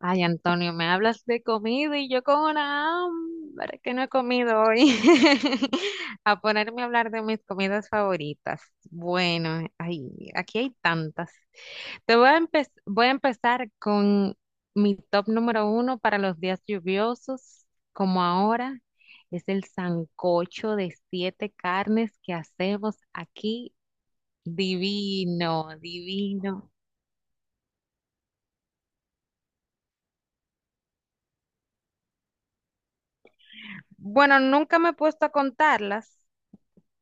Ay, Antonio, me hablas de comida y yo con una hambre que no he comido hoy. A ponerme a hablar de mis comidas favoritas. Bueno, ay, aquí hay tantas. Te voy a empe- Voy a empezar con mi top número uno para los días lluviosos, como ahora. Es el sancocho de siete carnes que hacemos aquí. Divino, divino. Bueno, nunca me he puesto a contarlas.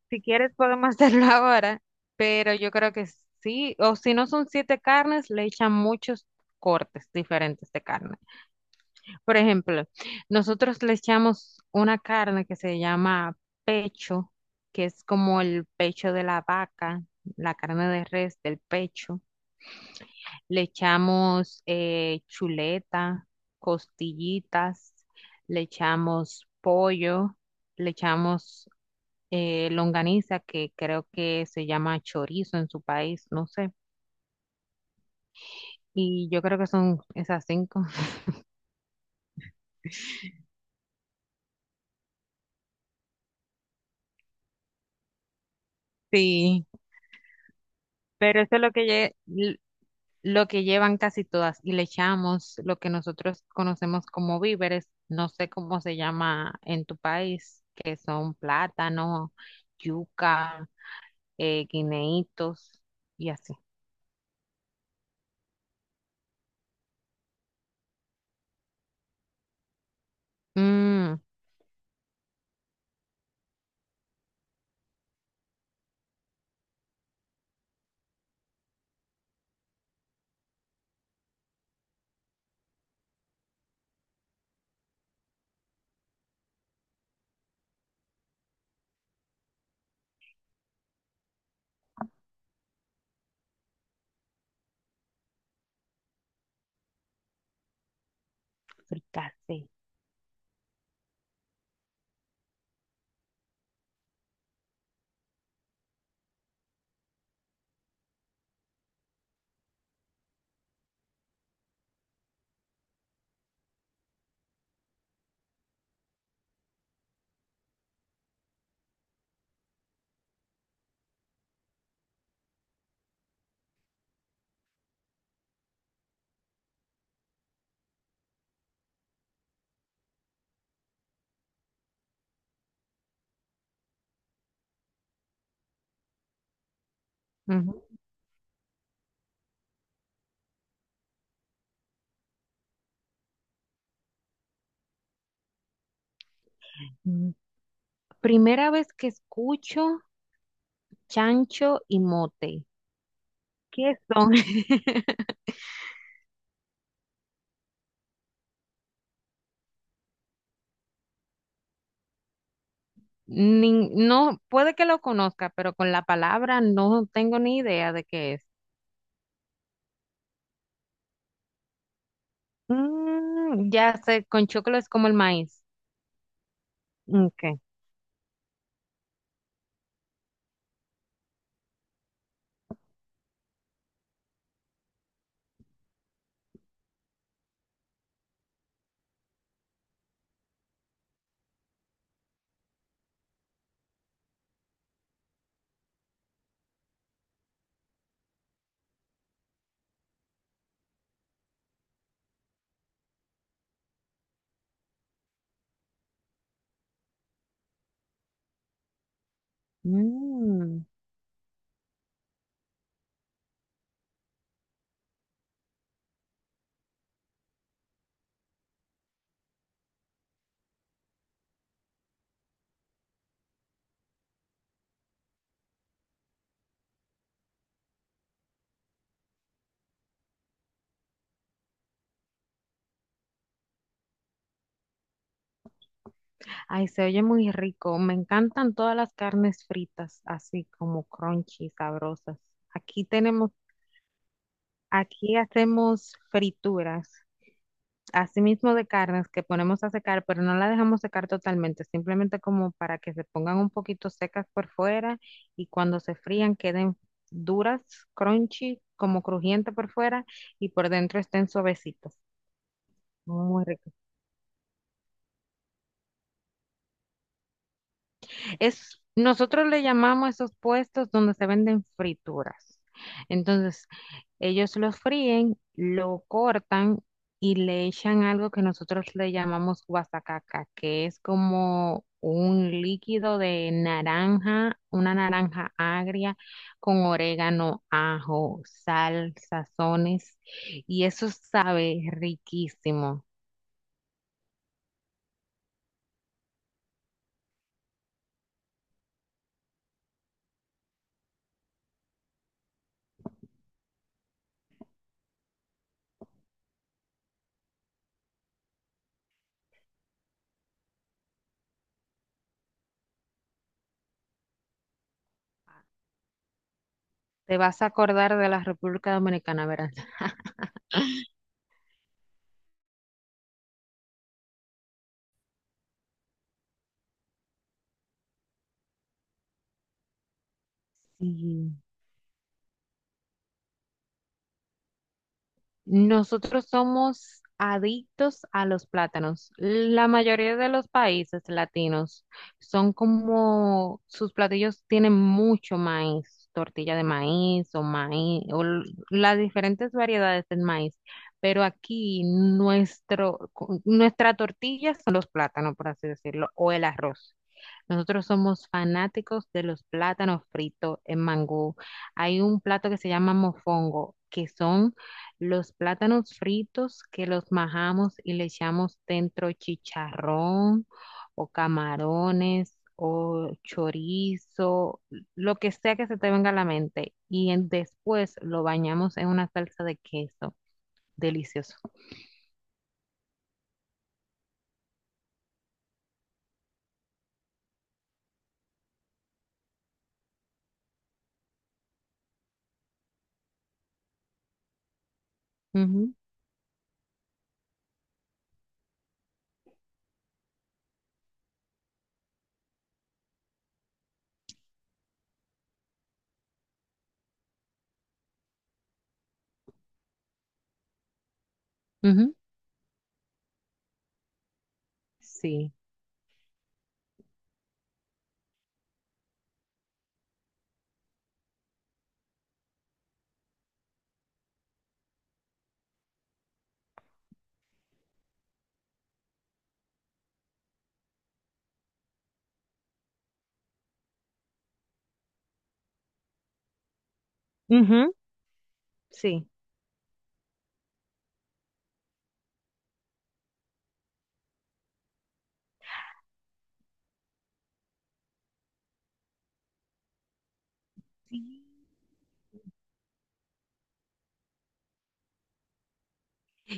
Si quieres podemos hacerlo ahora, pero yo creo que sí, o si no son siete carnes, le echan muchos cortes diferentes de carne. Por ejemplo, nosotros le echamos una carne que se llama pecho, que es como el pecho de la vaca, la carne de res del pecho. Le echamos chuleta, costillitas, le echamos pollo, le echamos longaniza, que creo que se llama chorizo en su país, no sé. Y yo creo que son esas cinco. Sí, pero eso es lo que llevan casi todas. Y le echamos lo que nosotros conocemos como víveres, no sé cómo se llama en tu país, que son plátano, yuca, guineitos y así. Mm, fricasé. Ujú. Mm. Primera vez que escucho chancho y mote. ¿Qué son? No, puede que lo conozca, pero con la palabra no tengo ni idea de qué es. Ya sé, con chocolate es como el maíz. Okay. Mm. Ay, se oye muy rico. Me encantan todas las carnes fritas, así como crunchy, sabrosas. Aquí tenemos, aquí hacemos frituras asimismo de carnes que ponemos a secar, pero no la dejamos secar totalmente, simplemente como para que se pongan un poquito secas por fuera y cuando se frían queden duras, crunchy, como crujiente por fuera y por dentro estén suavecitos. Muy Es, nosotros le llamamos a esos puestos donde se venden frituras. Entonces, ellos lo fríen, lo cortan y le echan algo que nosotros le llamamos guasacaca, que es como un líquido de naranja, una naranja agria con orégano, ajo, sal, sazones, y eso sabe riquísimo. Te vas a acordar de la República Dominicana, verás. Sí. Nosotros somos adictos a los plátanos. La mayoría de los países latinos son como sus platillos tienen mucho maíz, tortilla de maíz o las diferentes variedades del maíz, pero aquí nuestra tortilla son los plátanos, por así decirlo, o el arroz. Nosotros somos fanáticos de los plátanos fritos en mangú. Hay un plato que se llama mofongo, que son los plátanos fritos que los majamos y le echamos dentro chicharrón o camarones o chorizo, lo que sea que se te venga a la mente. Después lo bañamos en una salsa de queso. Delicioso. Ujú, ujú. Sí, ujú. Sí. Sí.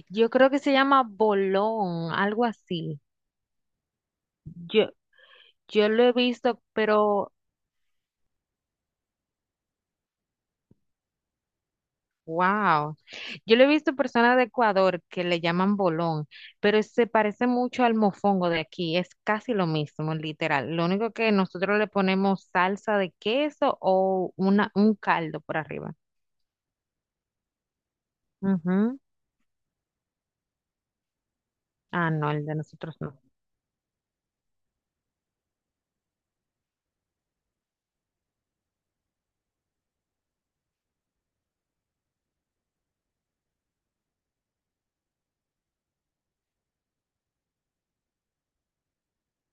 Yo creo que se llama bolón, algo así. Yo, yo lo he visto, pero Wow. Yo le he visto personas de Ecuador que le llaman bolón, pero se parece mucho al mofongo de aquí. Es casi lo mismo, literal. Lo único que nosotros le ponemos salsa de queso o una, un caldo por arriba. Ujú. Ah, no, el de nosotros no.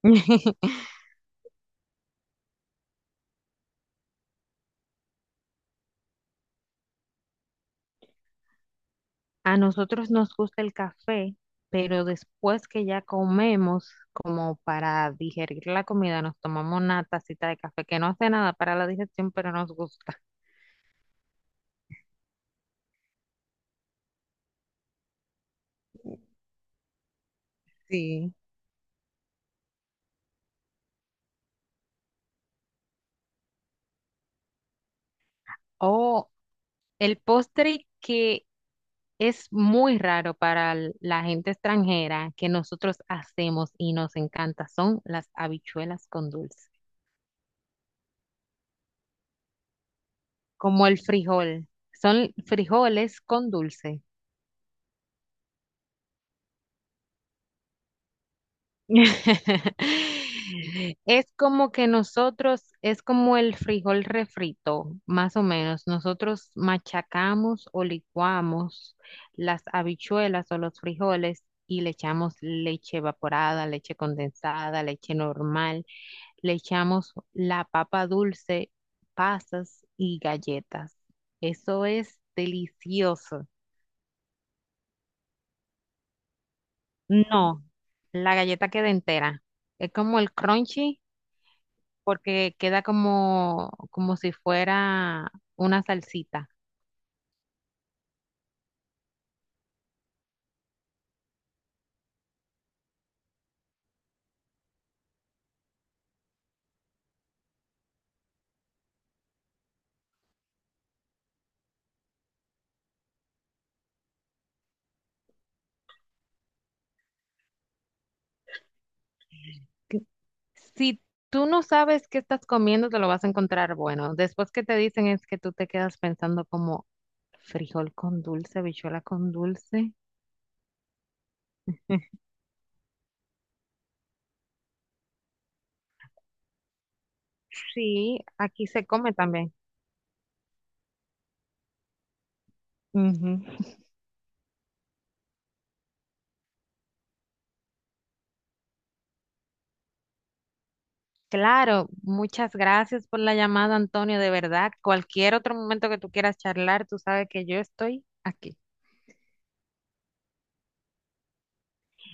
A nosotros nos gusta el café, pero después que ya comemos, como para digerir la comida, nos tomamos una tacita de café que no hace nada para la digestión, pero nos gusta. Sí. O El postre que es muy raro para la gente extranjera que nosotros hacemos y nos encanta son las habichuelas con dulce, como el frijol. Son frijoles con dulce. Es como que nosotros, es como el frijol refrito, más o menos. Nosotros machacamos o licuamos las habichuelas o los frijoles y le echamos leche evaporada, leche condensada, leche normal. Le echamos la papa dulce, pasas y galletas. Eso es delicioso. No, la galleta queda entera. Es como el crunchy, porque queda como, como si fuera una salsita. Que Si tú no sabes qué estás comiendo, te lo vas a encontrar bueno. Después que te dicen es que tú te quedas pensando como frijol con dulce, habichuela con dulce. Sí, aquí se come también. Ujú. Claro, muchas gracias por la llamada, Antonio. De verdad, cualquier otro momento que tú quieras charlar, tú sabes que yo estoy aquí.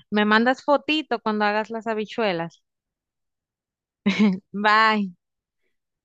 Me mandas fotito cuando hagas las habichuelas. Bye.